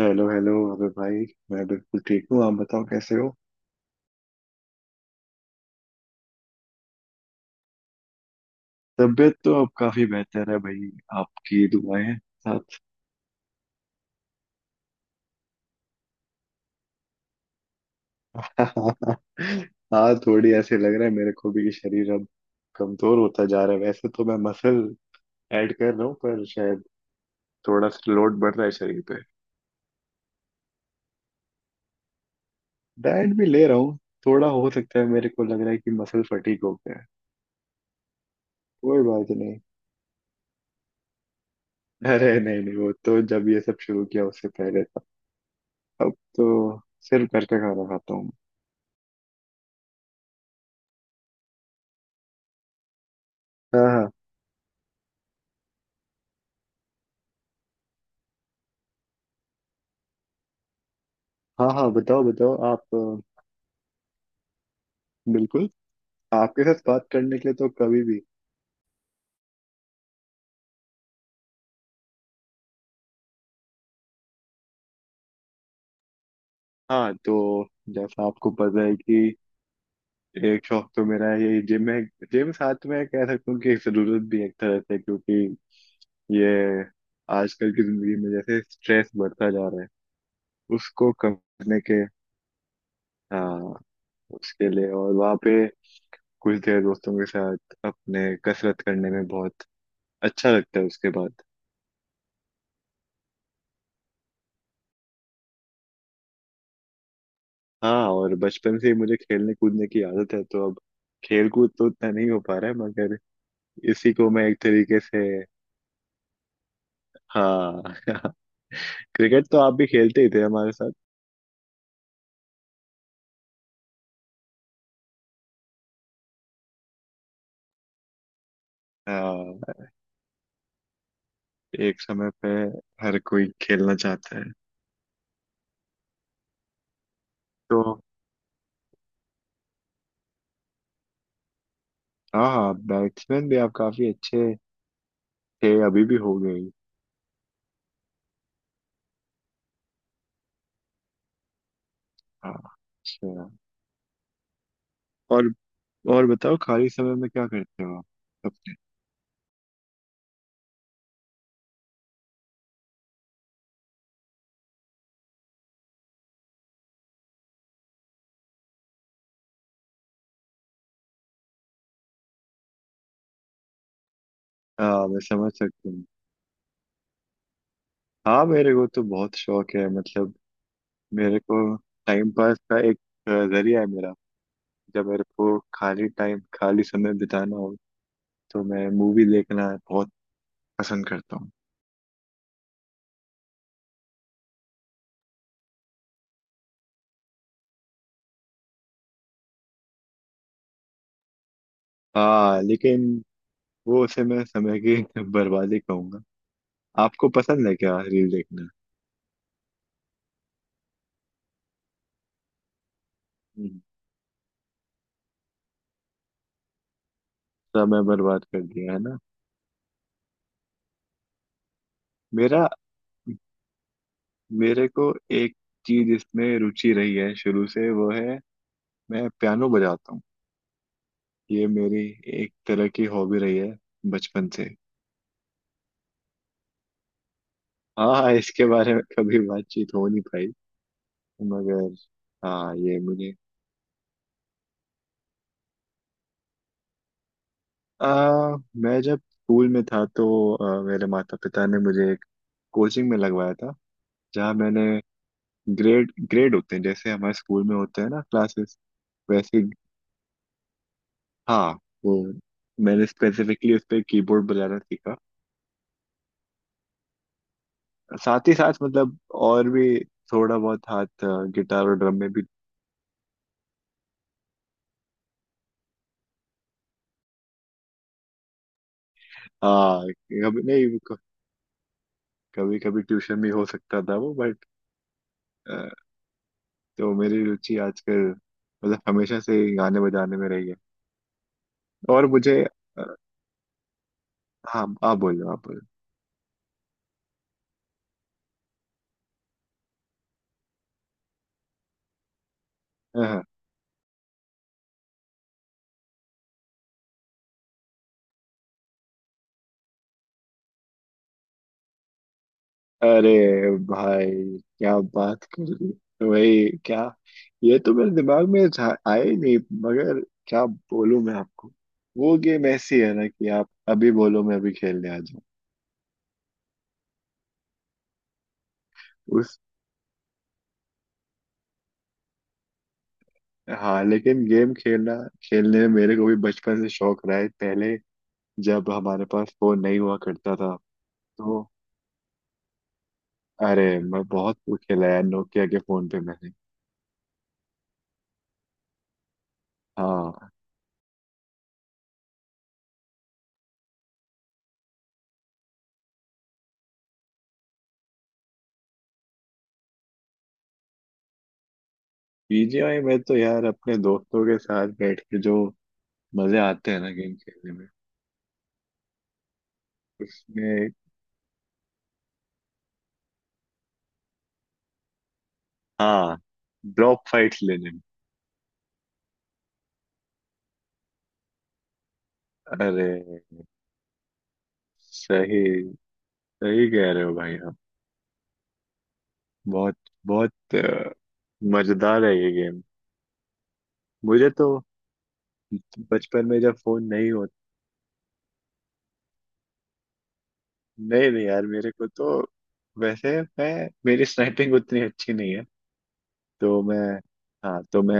Hello hello अबे भाई। मैं बिल्कुल ठीक हूँ, आप बताओ कैसे हो। तबीयत तो अब काफी बेहतर है भाई, आपकी दुआएं हैं साथ। हाँ, थोड़ी ऐसे लग रहा है मेरे को भी कि शरीर अब कमजोर होता जा रहा है। वैसे तो मैं मसल ऐड कर रहा हूँ पर शायद थोड़ा सा लोड बढ़ रहा है शरीर पे। डाइट भी ले रहा हूँ। थोड़ा हो सकता है, मेरे को लग रहा है कि मसल फटीक हो गया है। कोई बात नहीं। अरे नहीं नहीं, वो तो जब ये सब शुरू किया उससे पहले था। अब तो सिर्फ घर का खाना खाता हूँ। हाँ हाँ। हाँ हाँ, बताओ बताओ आप। बिल्कुल। आपके साथ बात करने के लिए तो कभी भी। हाँ, तो जैसा आपको पता है कि एक शौक तो मेरा है ये जिम है। जिम साथ में कह सकता हूँ कि एक जरूरत भी एक तरह से, क्योंकि ये आजकल की जिंदगी में जैसे स्ट्रेस बढ़ता जा रहा है, उसको कम करने के। हाँ, उसके लिए। और वहाँ पे कुछ देर दोस्तों के साथ अपने कसरत करने में बहुत अच्छा लगता है उसके बाद। हाँ, और बचपन से ही मुझे खेलने कूदने की आदत है तो अब खेल कूद तो उतना नहीं हो पा रहा है, मगर इसी को मैं एक तरीके से। हाँ। क्रिकेट तो आप भी खेलते ही थे हमारे साथ। हाँ, एक समय पे हर कोई खेलना चाहता है। तो हाँ हाँ, बैट्समैन भी आप काफी अच्छे थे, अभी भी हो गए। हाँ, अच्छा। और और बताओ खाली समय में क्या करते हो आप अपने। हाँ, मैं समझ सकता हूँ। हाँ, मेरे को तो बहुत शौक है, मतलब मेरे को टाइम पास का एक जरिया है मेरा। जब मेरे को खाली टाइम, खाली समय बिताना हो तो मैं मूवी देखना बहुत पसंद करता हूँ। हाँ, लेकिन वो उसे मैं समय की बर्बादी कहूंगा। आपको पसंद है क्या रील देखना? हम्म, समय बर्बाद कर दिया है ना। मेरा मेरे को एक चीज इसमें रुचि रही है शुरू से, वो है मैं पियानो बजाता हूँ। ये मेरी एक तरह की हॉबी रही है बचपन से। हाँ, इसके बारे में कभी बातचीत हो नहीं पाई मगर। हाँ, ये मुझे मैं जब स्कूल में था तो मेरे माता पिता ने मुझे एक कोचिंग में लगवाया था। जहाँ मैंने ग्रेड, ग्रेड होते हैं जैसे हमारे स्कूल में होते हैं ना क्लासेस वैसे। हाँ, वो मैंने स्पेसिफिकली उस पर कीबोर्ड बजाना सीखा। साथ ही साथ, मतलब और भी थोड़ा बहुत हाथ गिटार और ड्रम में भी। हाँ, कभी नहीं, कभी कभी ट्यूशन भी हो सकता था वो, बट तो मेरी रुचि आजकल मतलब हमेशा से ही गाने बजाने में रही है। और मुझे अ, हाँ, आप बोलो आप बोलो। हाँ, हाँ। अरे भाई क्या बात कर दी, वही क्या। ये तो मेरे दिमाग में आया ही नहीं, मगर क्या बोलूं मैं आपको, वो गेम ऐसी है ना कि आप अभी बोलो मैं अभी खेलने आ जाऊं। उस, हाँ, लेकिन गेम खेलना, खेलने में मेरे को भी बचपन से शौक रहा है। पहले जब हमारे पास फोन नहीं हुआ करता था तो अरे मैं बहुत खेला यार, नोकिया के फोन पे मैंने। हाँ। बीजीआई में तो यार अपने दोस्तों के साथ बैठ के जो मजे आते हैं ना गेम खेलने में, उसमें। हाँ, ड्रॉप फाइट्स लेने में। अरे, सही सही कह रहे हो भाई आप। बहुत बहुत मजेदार है ये गेम। मुझे तो बचपन में जब फोन नहीं हो, नहीं नहीं यार मेरे को तो, वैसे मैं मेरी स्नाइपिंग उतनी अच्छी नहीं है। तो मैं, हाँ तो मैं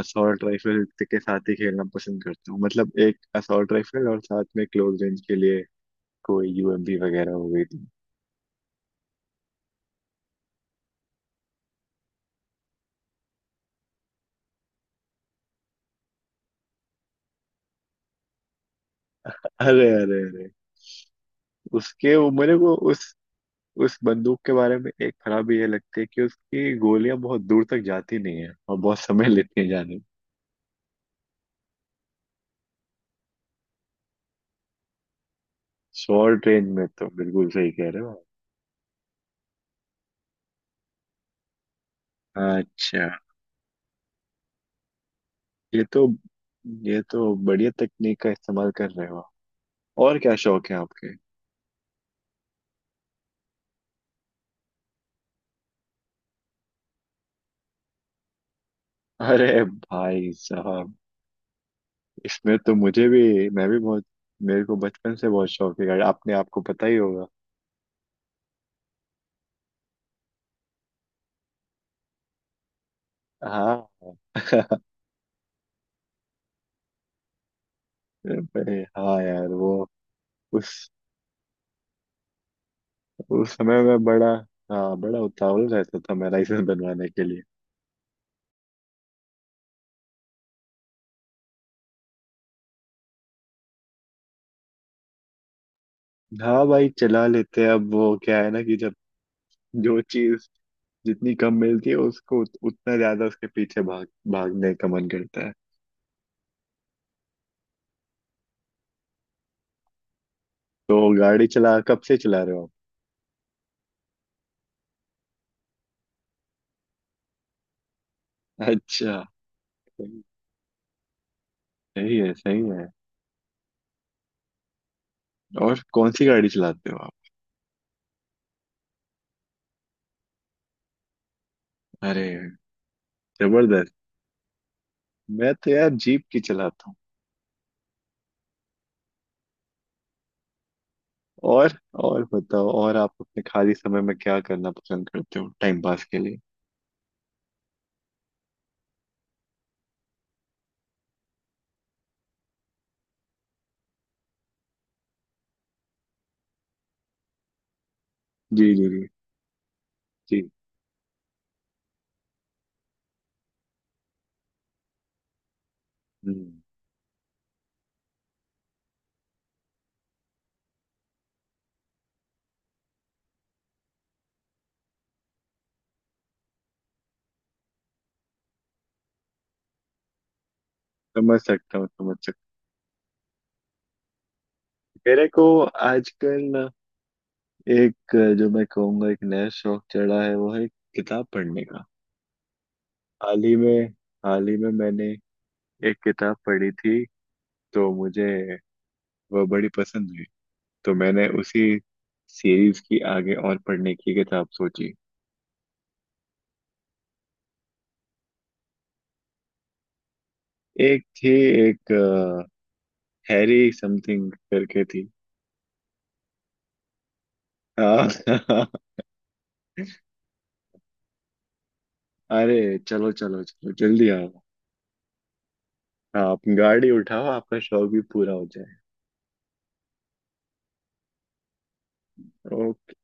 असॉल्ट राइफल के साथ ही खेलना पसंद करता हूँ, मतलब एक असॉल्ट राइफल और साथ में क्लोज रेंज के लिए कोई यूएमपी वगैरह हो गई थी। अरे अरे अरे, उसके वो मेरे को उस बंदूक के बारे में एक खराबी ये लगती है कि उसकी गोलियां बहुत दूर तक जाती नहीं है और बहुत समय लेती है जाने में। शॉर्ट रेंज में तो बिल्कुल सही कह रहे हो आप। अच्छा, ये तो ये तो बढ़िया तकनीक का इस्तेमाल कर रहे हो आप। और क्या शौक है आपके? अरे भाई साहब, इसमें तो मुझे भी, मैं भी बहुत, मेरे को बचपन से बहुत शौक है गाड़ी, आपने, आपको पता ही होगा। हाँ। भाई, हाँ यार वो उस उस समय में बड़ा, हाँ बड़ा उतावल रहता था मैं लाइसेंस बनवाने के लिए। हाँ भाई, चला लेते हैं अब। वो क्या है ना कि जब जो चीज जितनी कम मिलती है उसको उतना ज्यादा उसके पीछे भाग भागने का मन करता है। तो गाड़ी चला कब से चला रहे हो आप? अच्छा, सही, सही है, सही है। और कौन सी गाड़ी चलाते हो आप? अरे जबरदस्त, मैं तो यार जीप की चलाता हूँ। और और बताओ और आप अपने खाली समय में क्या करना पसंद करते हो टाइम पास के लिए। जी जी जी जी। हम्म, समझ सकता हूँ, समझ सकता हूँ। मेरे को आजकल ना एक जो मैं कहूँगा एक नया शौक चढ़ा है, वो है किताब पढ़ने का। हाल ही में, हाल ही में मैंने एक किताब पढ़ी थी तो मुझे वह बड़ी पसंद हुई। तो मैंने उसी सीरीज की आगे और पढ़ने की किताब सोची। एक थी, एक हैरी समथिंग करके थी। हाँ। अरे चलो चलो चलो जल्दी आओ। आप गाड़ी उठाओ, आपका शौक भी पूरा हो जाए।